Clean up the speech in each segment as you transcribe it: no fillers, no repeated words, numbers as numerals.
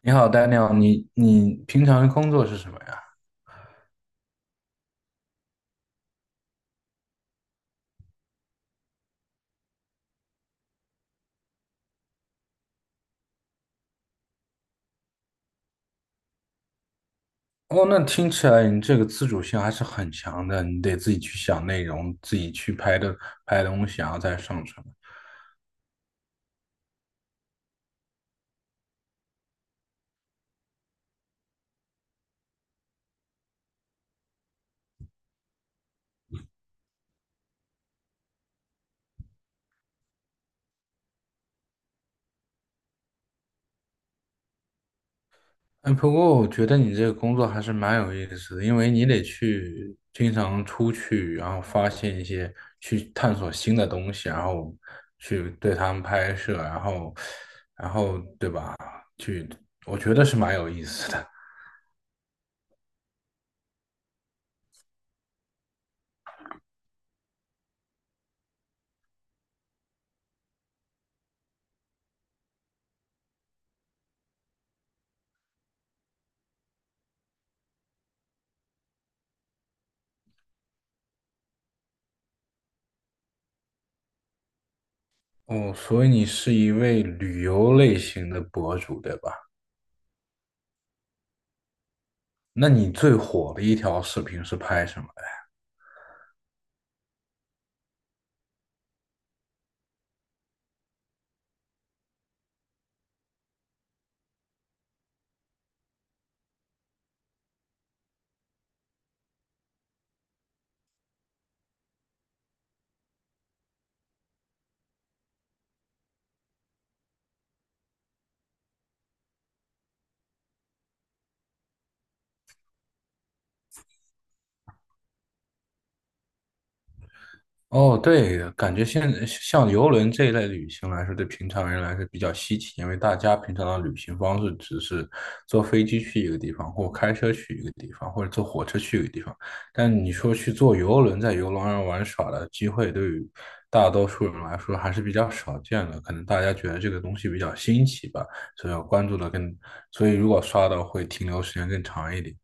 你好 Dani 你平常的工作是什么呀？哦，那听起来你这个自主性还是很强的，你得自己去想内容，自己去拍东西，然后再上传。哎，不过我觉得你这个工作还是蛮有意思的，因为你得去经常出去，然后发现一些，去探索新的东西，然后去对他们拍摄，然后对吧？去，我觉得是蛮有意思的。哦，所以你是一位旅游类型的博主，对吧？那你最火的一条视频是拍什么？哦，对，感觉现在像游轮这一类旅行来说，对平常人来说比较稀奇，因为大家平常的旅行方式只是坐飞机去一个地方，或开车去一个地方，或者坐火车去一个地方。但你说去坐游轮，在游轮上玩耍的机会，对于大多数人来说还是比较少见的。可能大家觉得这个东西比较新奇吧，所以要关注的更，所以如果刷到会停留时间更长一点。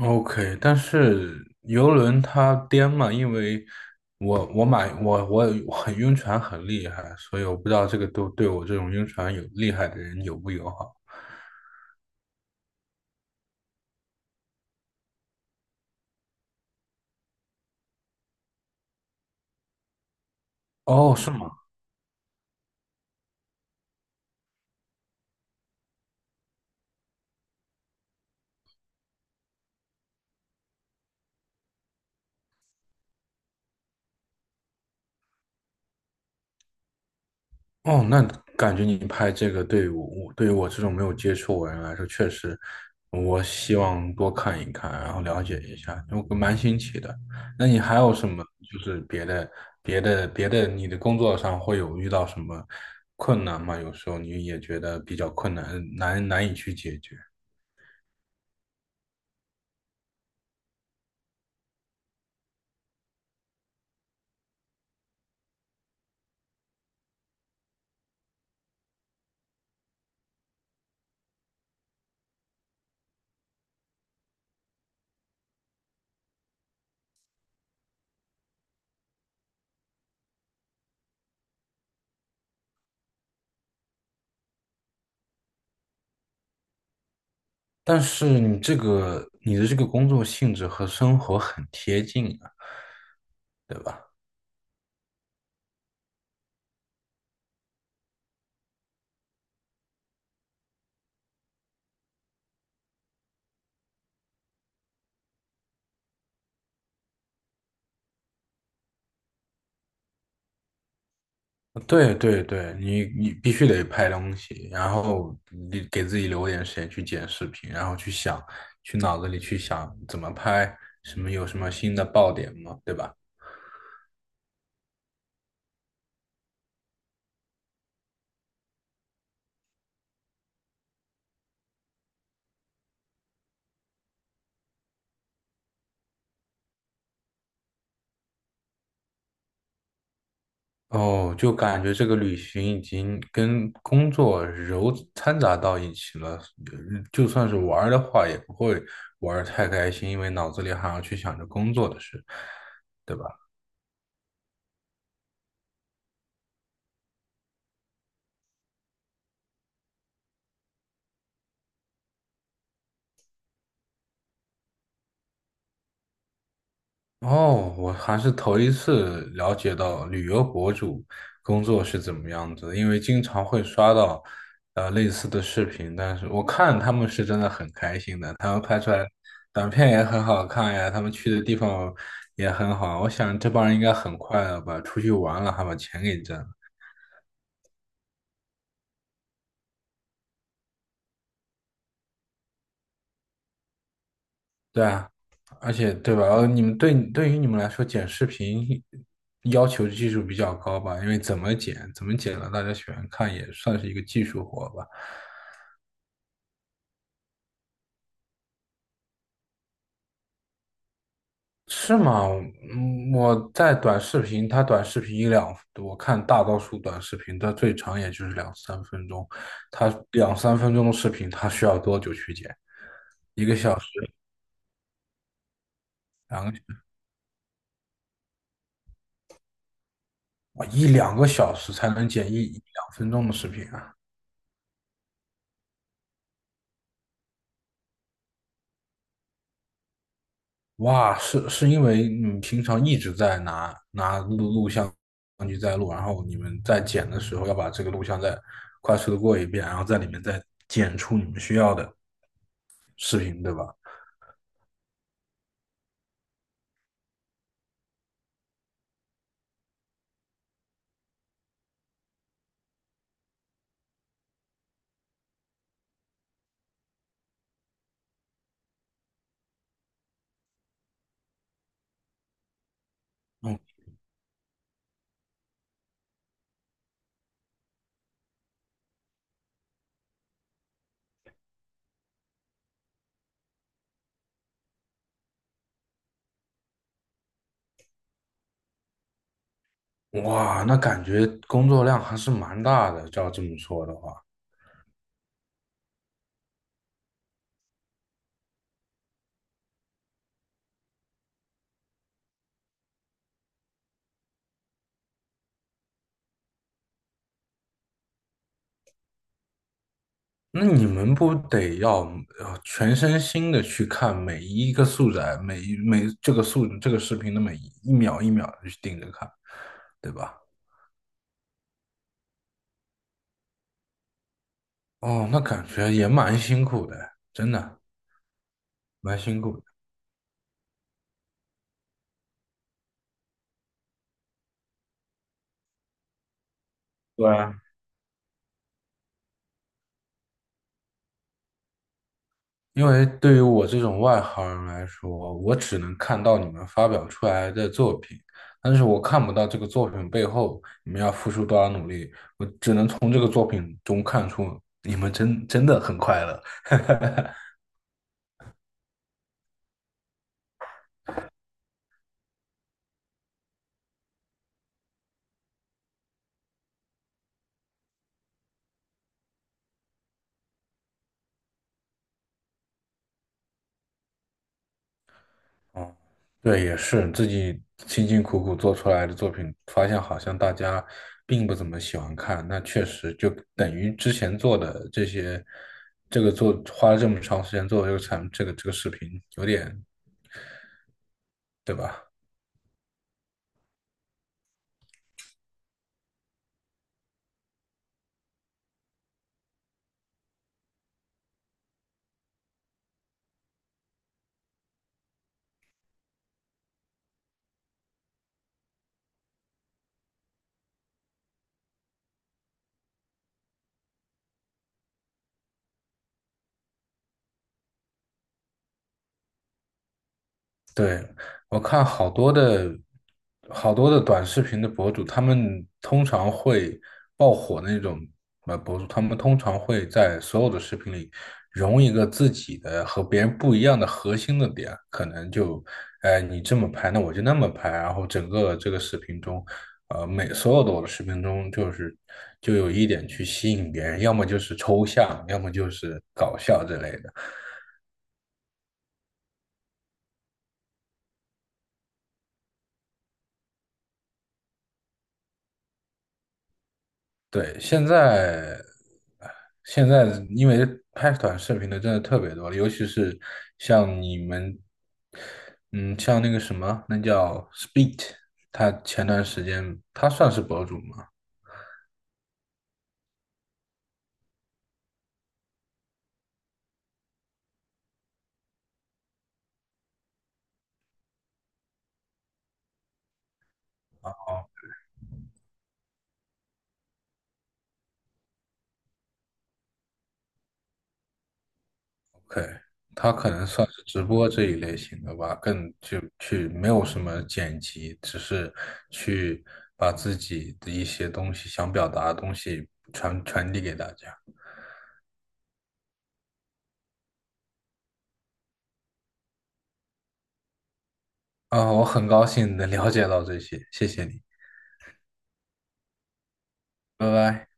OK，但是游轮它颠嘛，因为我我买我我很晕船很厉害，所以我不知道这个对我这种晕船有厉害的人友不友好。哦，是吗？哦，那感觉你拍这个对于我，对于我这种没有接触过的人来说，确实，我希望多看一看，然后了解一下，我蛮新奇的。那你还有什么，就是别的，你的工作上会有遇到什么困难吗？有时候你也觉得比较困难，难以去解决。但是你这个，你的这个工作性质和生活很贴近啊。对对对，你必须得拍东西，然后你给自己留点时间去剪视频，然后去想，去脑子里去想怎么拍，有什么新的爆点嘛，对吧？哦，就感觉这个旅行已经跟工作揉掺杂到一起了，就算是玩儿的话，也不会玩儿太开心，因为脑子里还要去想着工作的事。对吧？哦，我还是头一次了解到旅游博主工作是怎么样子的，因为经常会刷到类似的视频，但是我看他们是真的很开心的，他们拍出来短片也很好看呀，他们去的地方也很好，我想这帮人应该很快乐吧，出去玩了还把钱给挣了。对啊，而且对吧？你们对对于你们来说剪视频要求技术比较高吧，因为怎么剪怎么剪了，大家喜欢看也算是一个技术活吧。是吗？嗯，我在短视频，它短视频一两，我看大多数短视频，它最长也就是两三分钟。它两三分钟的视频，它需要多久去剪？一个小时，两个，哇，一两个小时才能剪一两分钟的视频啊！哇，是因为你们平常一直在拿录像机在录，然后你们在剪的时候要把这个录像再快速的过一遍，然后在里面再剪出你们需要的视频，对吧？嗯。哇，那感觉工作量还是蛮大的，照这么说的话，那你们不得要全身心的去看每一个素材，每一每这个素这个视频的每一秒一秒的去盯着看，对吧？哦，那感觉也蛮辛苦的，真的蛮辛苦的。对，因为对于我这种外行人来说，我只能看到你们发表出来的作品，但是我看不到这个作品背后你们要付出多少努力，我只能从这个作品中看出你们真真的很快乐。嗯，对，也是自己辛辛苦苦做出来的作品，发现好像大家并不怎么喜欢看，那确实就等于之前做的这些，这个做花了这么长时间做这个产这个这个视频，有点，对吧？对，我看好多的好多的短视频的博主，他们通常会爆火的那种博主，他们通常会在所有的视频里融一个自己的和别人不一样的核心的点，可能就，哎，你这么拍，那我就那么拍，然后整个这个视频中，呃，每所有的我的视频中，就是就有一点去吸引别人，要么就是抽象，要么就是搞笑之类的。对，现在因为拍短视频的真的特别多了，尤其是像你们，嗯，像那个什么，那叫 Speed，他前段时间他算是博主吗？OK，哦，OK，他可能算是直播这一类型的吧，更就去没有什么剪辑，只是去把自己的一些东西想表达的东西传递给大家。啊，我很高兴能了解到这些，谢谢你，拜拜。